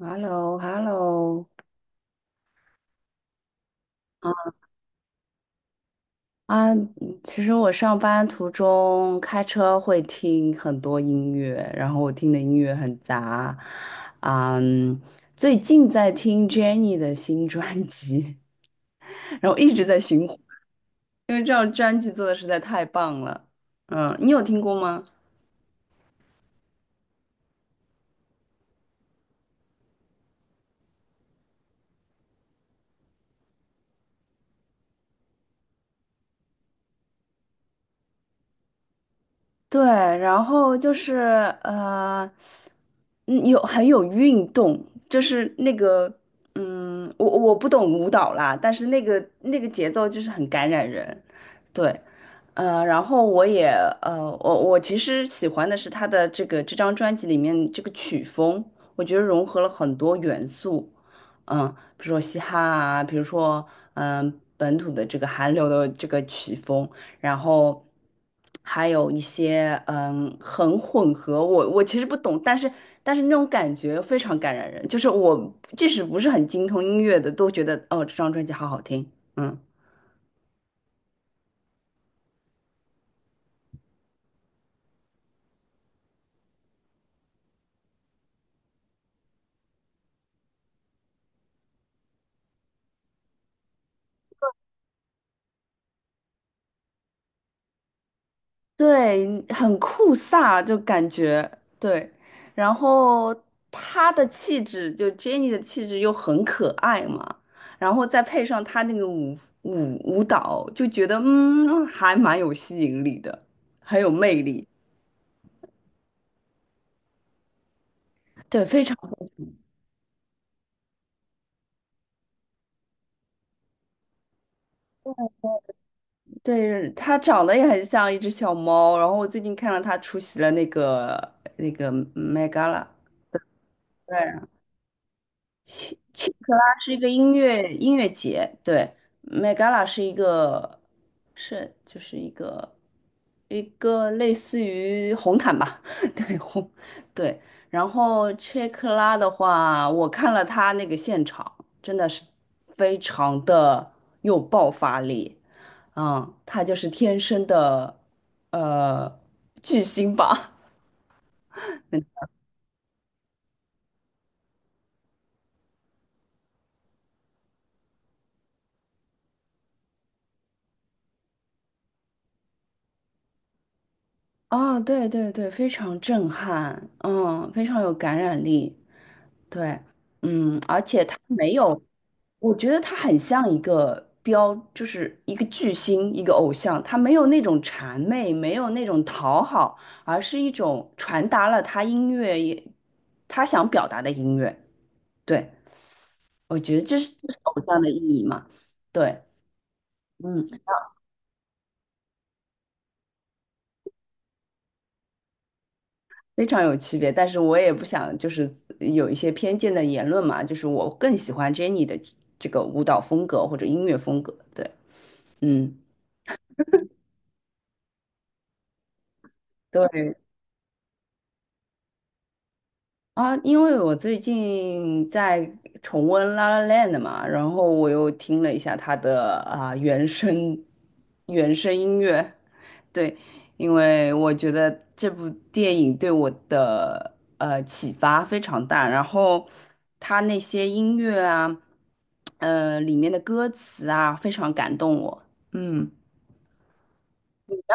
h e l l o h e l l o 啊，嗯，其实我上班途中开车会听很多音乐，然后我听的音乐很杂。啊，嗯，最近在听 Jennie 的新专辑，然后一直在循环，因为这张专辑做的实在太棒了。嗯，你有听过吗？对，然后就是，呃，嗯有很有运动，就是那个，我不懂舞蹈啦，但是那个节奏就是很感染人。对，然后我也，我其实喜欢的是他的这个这张专辑里面这个曲风，我觉得融合了很多元素。嗯，比如说嘻哈啊，比如说嗯、本土的这个韩流的这个曲风。然后还有一些很混合，我其实不懂，但是那种感觉非常感染人，就是我即使不是很精通音乐的，都觉得哦这张专辑好好听。嗯，对，很酷飒，就感觉。对，然后她的气质，就 Jennie 的气质又很可爱嘛。然后再配上她那个舞蹈，就觉得还蛮有吸引力的，很有魅力。对，非常。对，它长得也很像一只小猫，然后我最近看到它出席了那个 Met Gala，切克拉是一个音乐节，对， m e 拉，是一个，是就是一个类似于红毯吧，对红对。然后切克拉的话，我看了他那个现场，真的是非常的有爆发力。嗯，他就是天生的呃巨星吧。哦，对对对，非常震撼，非常有感染力。对，嗯，而没有，我觉得他很像一个标，就是一个巨星，一个偶像，他没有那种谄媚，没有那种讨好，而是一种传达了他音乐也，他想表达的音乐。对，我觉得这是偶像的意义嘛。对，嗯。非常有区别，但是我也不想就是有一些偏见的言论嘛，就是我更喜欢 Jennie 的这个舞蹈风格或者音乐风格。对，嗯。对，啊，因为我最近在重温《La La Land》嘛，然后我又听了一下它的原声音乐。对，因为我觉得这部电影对我的启发非常大，然后它那些音乐啊，里面的歌词啊，非常感动我。嗯，你呢？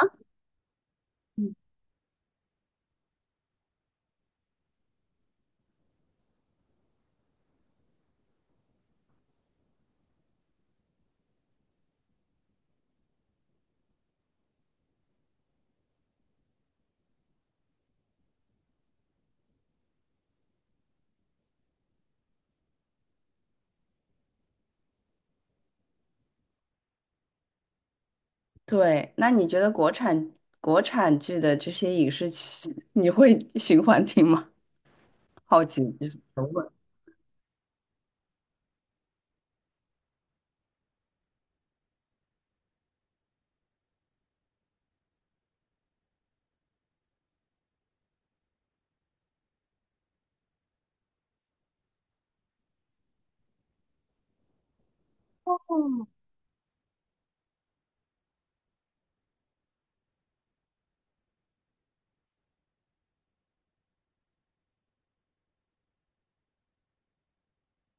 对，那你觉得国产剧的这些影视剧，你会循环听吗？好奇，就是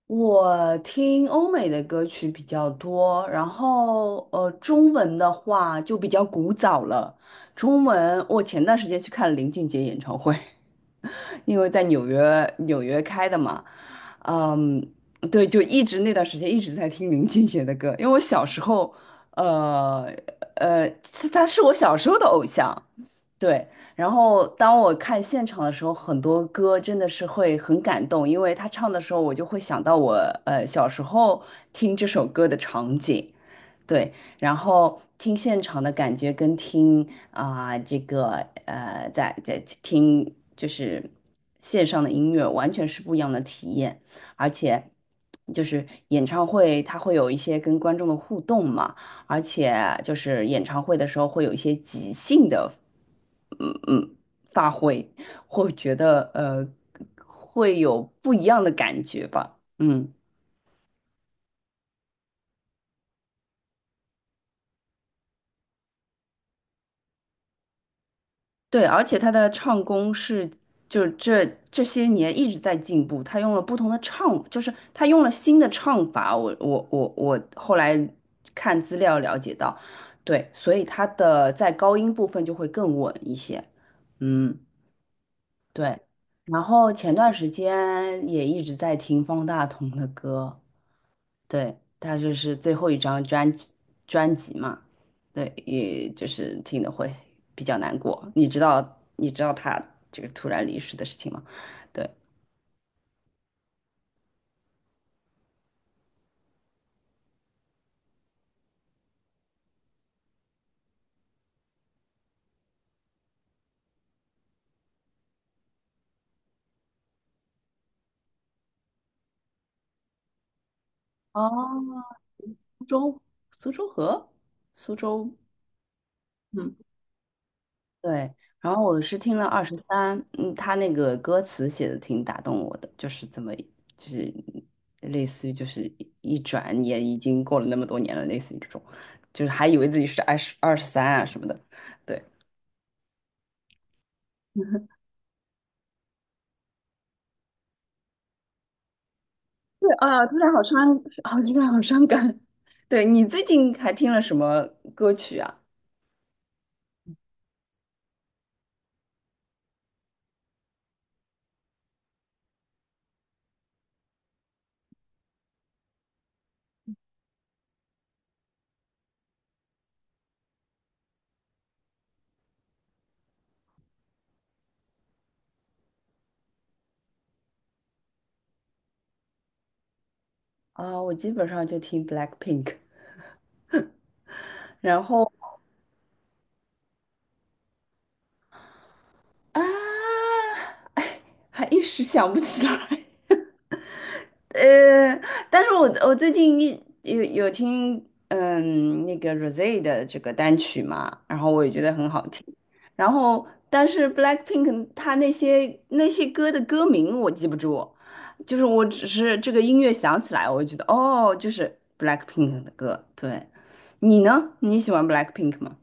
我听欧美的歌曲比较多，然后中文的话就比较古早了。中文我前段时间去看了林俊杰演唱会，因为在纽约开的嘛。嗯，对，就一直那段时间一直在听林俊杰的歌。因为我小时候，呃他是我小时候的偶像。对，然后当我看现场的时候，很多歌真的是会很感动，因为他唱的时候，我就会想到我，小时候听这首歌的场景。对，然后听现场的感觉跟听，这个，在听就是线上的音乐完全是不一样的体验。而且就是演唱会它会有一些跟观众的互动嘛，而且就是演唱会的时候会有一些即兴的，嗯嗯，发挥，会觉得会有不一样的感觉吧。嗯。对，而且他的唱功是，就是这些年一直在进步。他用了不同的唱，就是他用了新的唱法。我后来看资料了解到，对，所以他的在高音部分就会更稳一些。嗯，对。然后前段时间也一直在听方大同的歌。对，他就是最后一张专辑嘛。对，也就是听的会比较难过。你知道他这个突然离世的事情吗？对，哦，苏州，苏州河，苏州，嗯。对，然后我是听了二十三。嗯，他那个歌词写的挺打动我的，就是怎么，就是类似于就是一转眼已经过了那么多年了，类似于这种，就是还以为自己是二十二十三啊什么的。对，对啊，突然好伤，好突然好伤感。对，你最近还听了什么歌曲啊？啊，我基本上就听 Blackpink。然后啊，哎，还一时想不起来。呃，但是我最近，有听那个 Rosé 的这个单曲嘛，然后我也觉得很好听。然后，但是 Blackpink 他那些歌的歌名我记不住，就是我只是这个音乐响起来，我就觉得哦，就是 Blackpink 的歌。对，你呢？你喜欢 Blackpink 吗？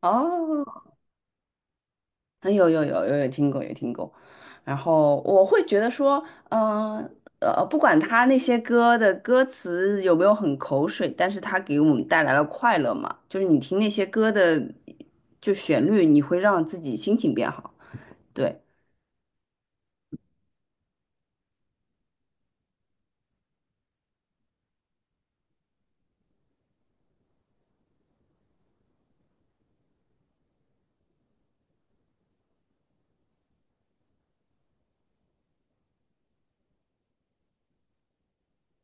哦，啊，有有有有有听过，有听过。然后我会觉得说，嗯不管他那些歌的歌词有没有很口水，但是他给我们带来了快乐嘛，就是你听那些歌的就旋律，你会让自己心情变好。对。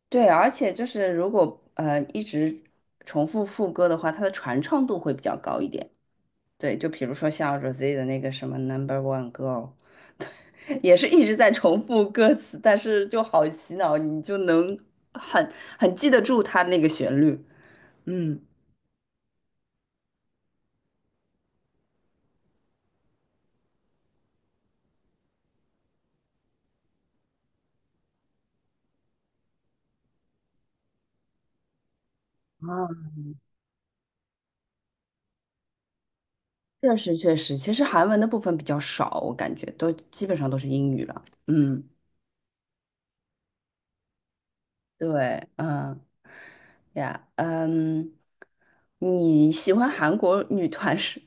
对，而且就是如果一直重复副歌的话，它的传唱度会比较高一点。对，就比如说像 Rosé 的那个什么 Number One Girl。也是一直在重复歌词，但是就好洗脑，你就能很很记得住它那个旋律。嗯，啊，确实确实，其实韩文的部分比较少，我感觉都基本上都是英语了。嗯，对，嗯呀，嗯，你喜欢韩国女团是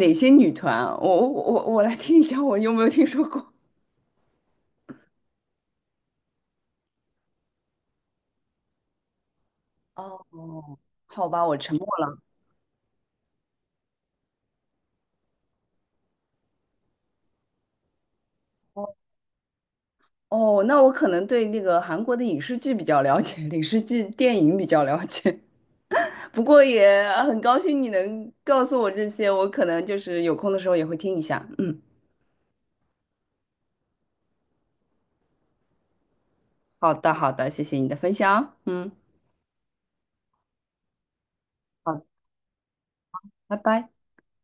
哪些女团啊，我来听一下，我有没有听说过？哦，好吧，我沉默了。哦，那我可能对那个韩国的影视剧比较了解，影视剧、电影比较了解。不过也啊很高兴你能告诉我这些，我可能就是有空的时候也会听一下。嗯，好的，好的，谢谢你的分享。嗯，好，拜拜。